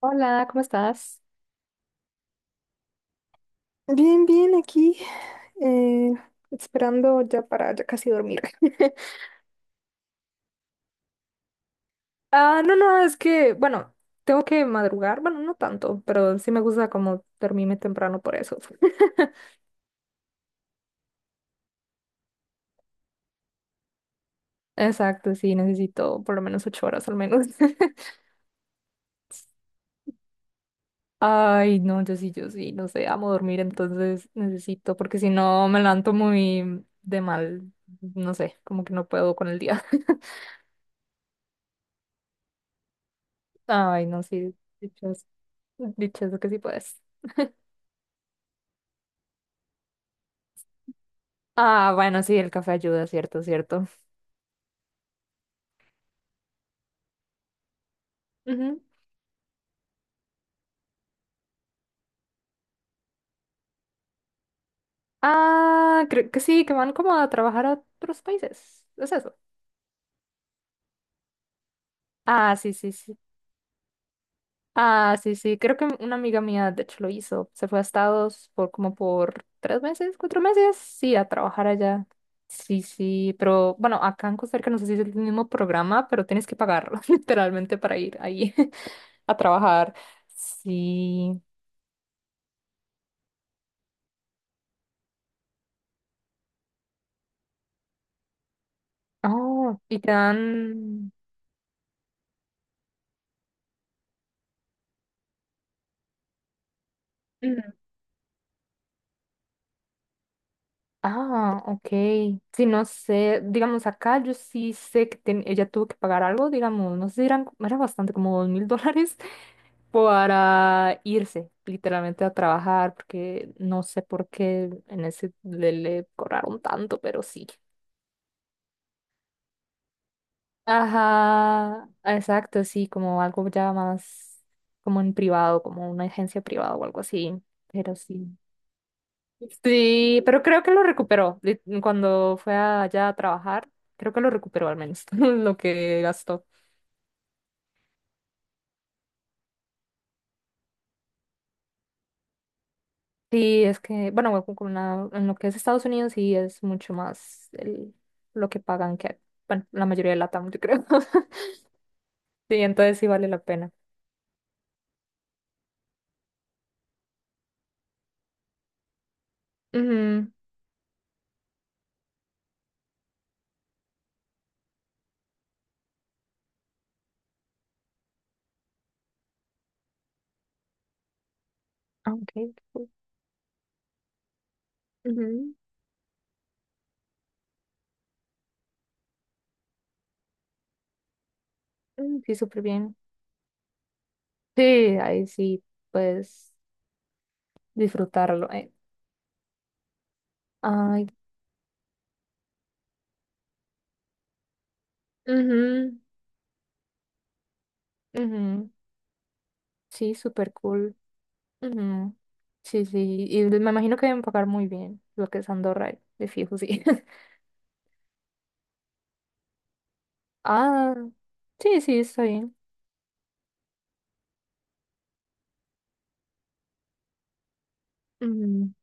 Hola, ¿cómo estás? Bien, bien, aquí, eh, esperando ya para ya casi dormir. Ah, no, no, es que, bueno, tengo que madrugar, bueno, no tanto, pero sí me gusta como dormirme temprano por eso. Exacto, sí, necesito por lo menos 8 horas al menos. Ay, no, yo sí, yo sí, no sé, amo dormir, entonces necesito, porque si no me levanto muy de mal, no sé, como que no puedo con el día. Ay, no, sí, dichoso, dichoso que sí puedes. Ah, bueno, sí, el café ayuda, cierto, cierto. Ujú. Ah, creo que sí, que van como a trabajar a otros países. ¿Es eso? Ah, sí, sí, sí. Ah, sí, sí. Creo que una amiga mía, de hecho, lo hizo. Se fue a Estados por como por 3 meses, 4 meses, sí, a trabajar allá. Sí, sí, pero bueno, acá en Costa Rica no sé si es el mismo programa, pero tienes que pagarlo literalmente para ir ahí a trabajar. Sí. Oh, y te dan... Ah, ok. Sí, no sé, digamos, acá yo sí sé que ella tuvo que pagar algo, digamos, no sé, si eran, era bastante como $2,000 para irse literalmente a trabajar, porque no sé por qué en ese le cobraron tanto, pero sí. Ajá, exacto, sí, como algo ya más como en privado, como una agencia privada o algo así, pero sí. Sí, pero creo que lo recuperó cuando fue allá a trabajar. Creo que lo recuperó al menos lo que gastó. Sí, es que, bueno, en lo que es Estados Unidos sí es mucho más lo que pagan que, bueno, la mayoría de LATAM, yo creo. Sí, entonces sí vale la pena. Ujú. Ah, ok, qué cool. Ujú. Mm, sí, súper bien. Sí, ahí sí, pues disfrutarlo. Ay, ujú, ujú. Sí, súper cool. Ujú. Sí, sí, y me imagino que deben pagar muy bien lo que es Andorra, de fijo, sí. Ah, sí, sí, está bien. Ujú,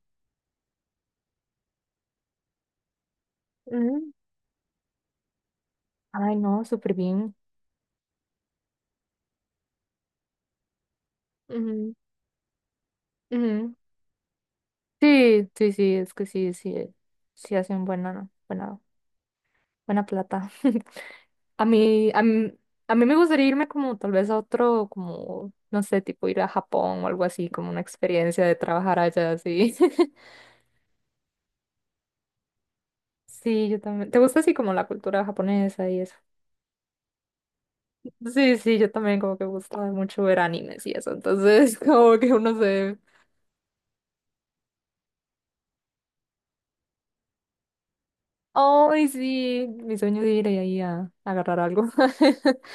ujú. Ay, no, súper bien. Ujú, ujú. Sí, sí, sí, es que sí, sí, sí hacen buena, buena, buena plata. A mí, a mí, a mí me gustaría irme como tal vez a otro, como, no sé, tipo ir a Japón o algo así, como una experiencia de trabajar allá, sí. Sí, yo también. ¿Te gusta así como la cultura japonesa y eso? Sí, sí, yo también como que me gustaba mucho ver animes y eso, entonces como que uno se... Ay, sí, mi sueño es ir ahí a, agarrar algo.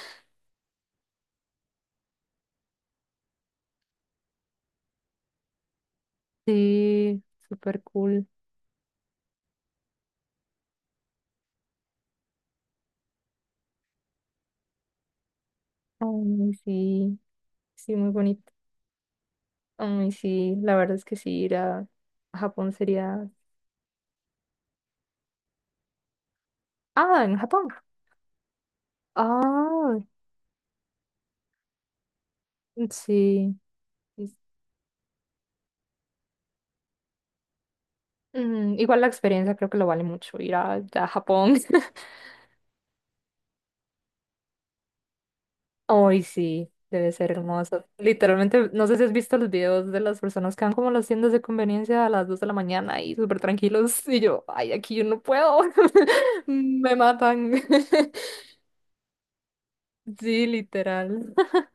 Sí, súper cool. Ay, sí, sí, muy bonito. Ay, sí, la verdad es que sí, ir a, Japón sería... Ah, en Japón. Ah, sí, sí. Mm, igual la experiencia creo que lo vale mucho ir a Japón. Ay, sí, debe ser hermoso. Literalmente, no sé si has visto los videos de las personas que van como a las tiendas de conveniencia a las 2 de la mañana y súper tranquilos. Y yo, ay, aquí yo no puedo. Me matan. Sí, literal.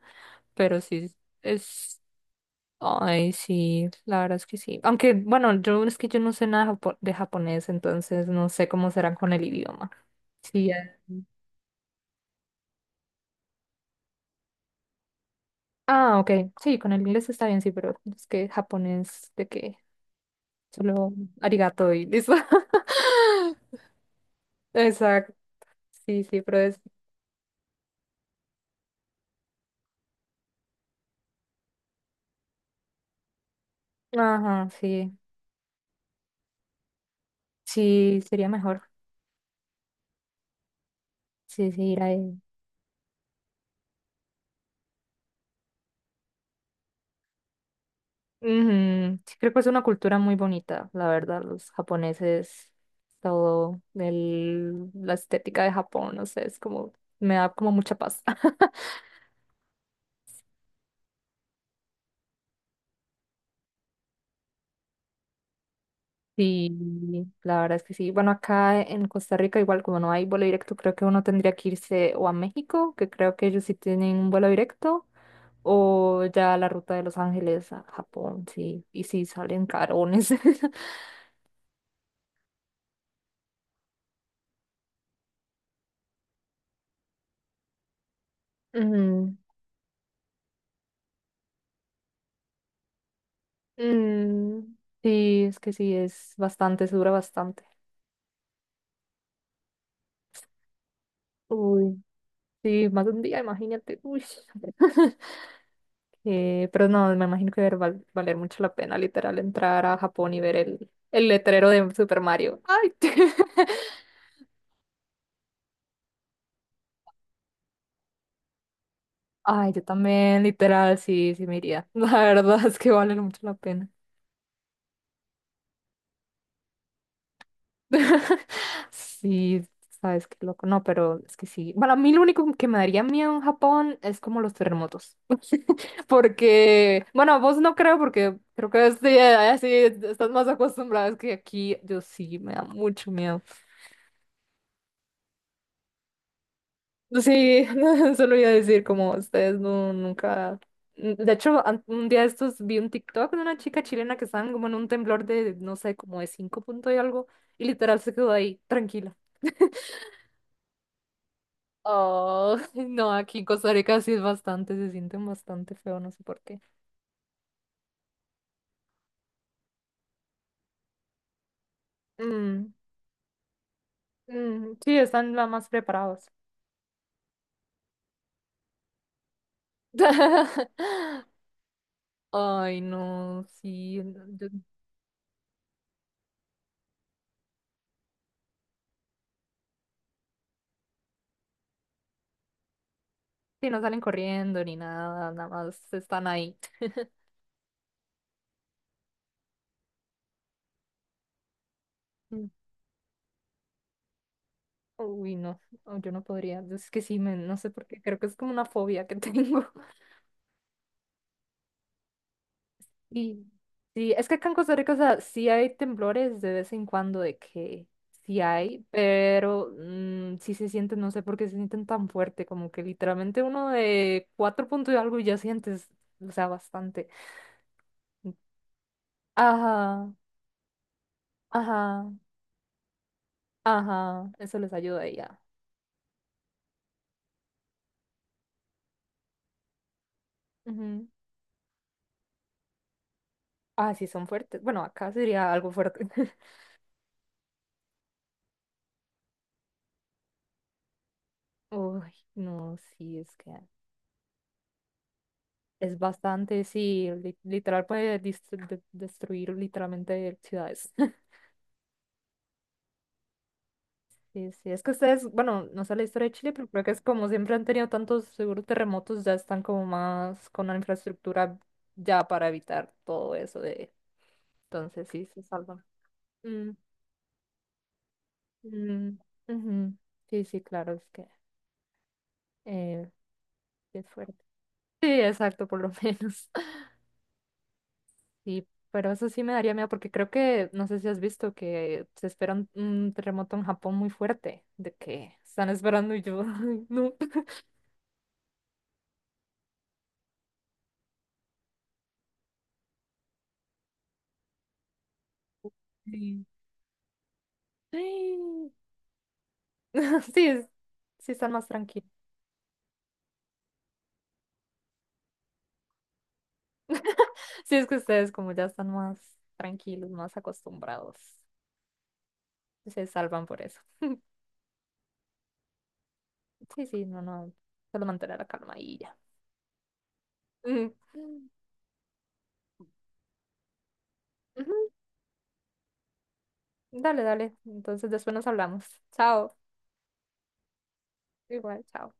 Pero sí, es... Ay, sí, la verdad es que sí. Aunque, bueno, yo es que yo no sé nada de japonés, entonces no sé cómo serán con el idioma. Sí. Ah, ok. Sí, con el inglés está bien, sí, pero es que japonés, ¿de qué? Solo arigato y listo. Exacto. Sí, sí, pero es. Ajá, sí. Sí, sería mejor. Sí, sí, ir ahí. Ujú. Sí, creo que es una cultura muy bonita, la verdad. Los japoneses, todo la estética de Japón, no sé, es como. Me da como mucha paz. Sí, la verdad es que sí. Bueno, acá en Costa Rica, igual como no hay vuelo directo, creo que uno tendría que irse o a México, que creo que ellos sí tienen un vuelo directo, o ya la ruta de Los Ángeles a Japón, sí. Y sí, salen carones. Mm, mm, sí, es que sí, es bastante, se dura bastante. Uy, sí, más de un día, imagínate. Uy. Pero no, me imagino que debe valer mucho la pena, literal, entrar a Japón y ver el letrero de Super Mario. Ay, ay, yo también, literal, sí, sí me iría. La verdad es que vale mucho la pena. Sí, sabes qué loco. No, pero es que sí. Bueno, a mí lo único que me daría miedo en Japón es como los terremotos. Porque, bueno, vos no creo, porque creo que sí, allá sí estás más acostumbrada. Es que aquí yo sí me da mucho miedo. Sí, solo iba a decir como ustedes no, nunca. De hecho, un día de estos vi un TikTok de una chica chilena que estaba como en un temblor de, no sé, como de 5 puntos y algo, y literal se quedó ahí, tranquila. Oh, no, aquí en Costa Rica sí es bastante, se sienten bastante feo, no sé por qué. Mm, mm, sí, están la más preparados. Ay, no, sí, no, sí, no salen corriendo ni nada, nada más están ahí. Mm. Uy, no, no, yo no podría, es que sí, me, no sé por qué, creo que es como una fobia que tengo. Y sí, es que acá en Costa Rica, o sea, sí hay temblores de vez en cuando de que sí hay, pero sí se sienten, no sé por qué se sienten tan fuerte, como que literalmente uno de 4 puntos y algo y ya sientes, o sea, bastante. Ajá, ajá, ajá, eso les ayuda y ya. Ujú. Ah, sí, son fuertes. Bueno, acá sería algo fuerte. Uy, no, sí, es que es bastante, sí, literal puede destruir literalmente ciudades. Sí, sí, es que ustedes, bueno, no sé la historia de Chile, pero creo que es como siempre han tenido tantos seguros terremotos, ya están como más con la infraestructura ya para evitar todo eso de... Entonces sí, se salvan. Mm, mm, ujú. Sí, sí, claro, es que eh, es fuerte. Sí, exacto, por lo menos. Sí, pero eso sí me daría miedo porque creo que, no sé si has visto que se espera un, terremoto en Japón muy fuerte, de que están esperando y yo, ay, no. Sí. Sí, sí están más tranquilos. Sí, es que ustedes como ya están más tranquilos, más acostumbrados, se salvan por eso. Sí, sí, no, no, solo mantener la calma y ya. Mm. Ujú, dale, dale. Entonces después nos hablamos. Chao. Igual, chao.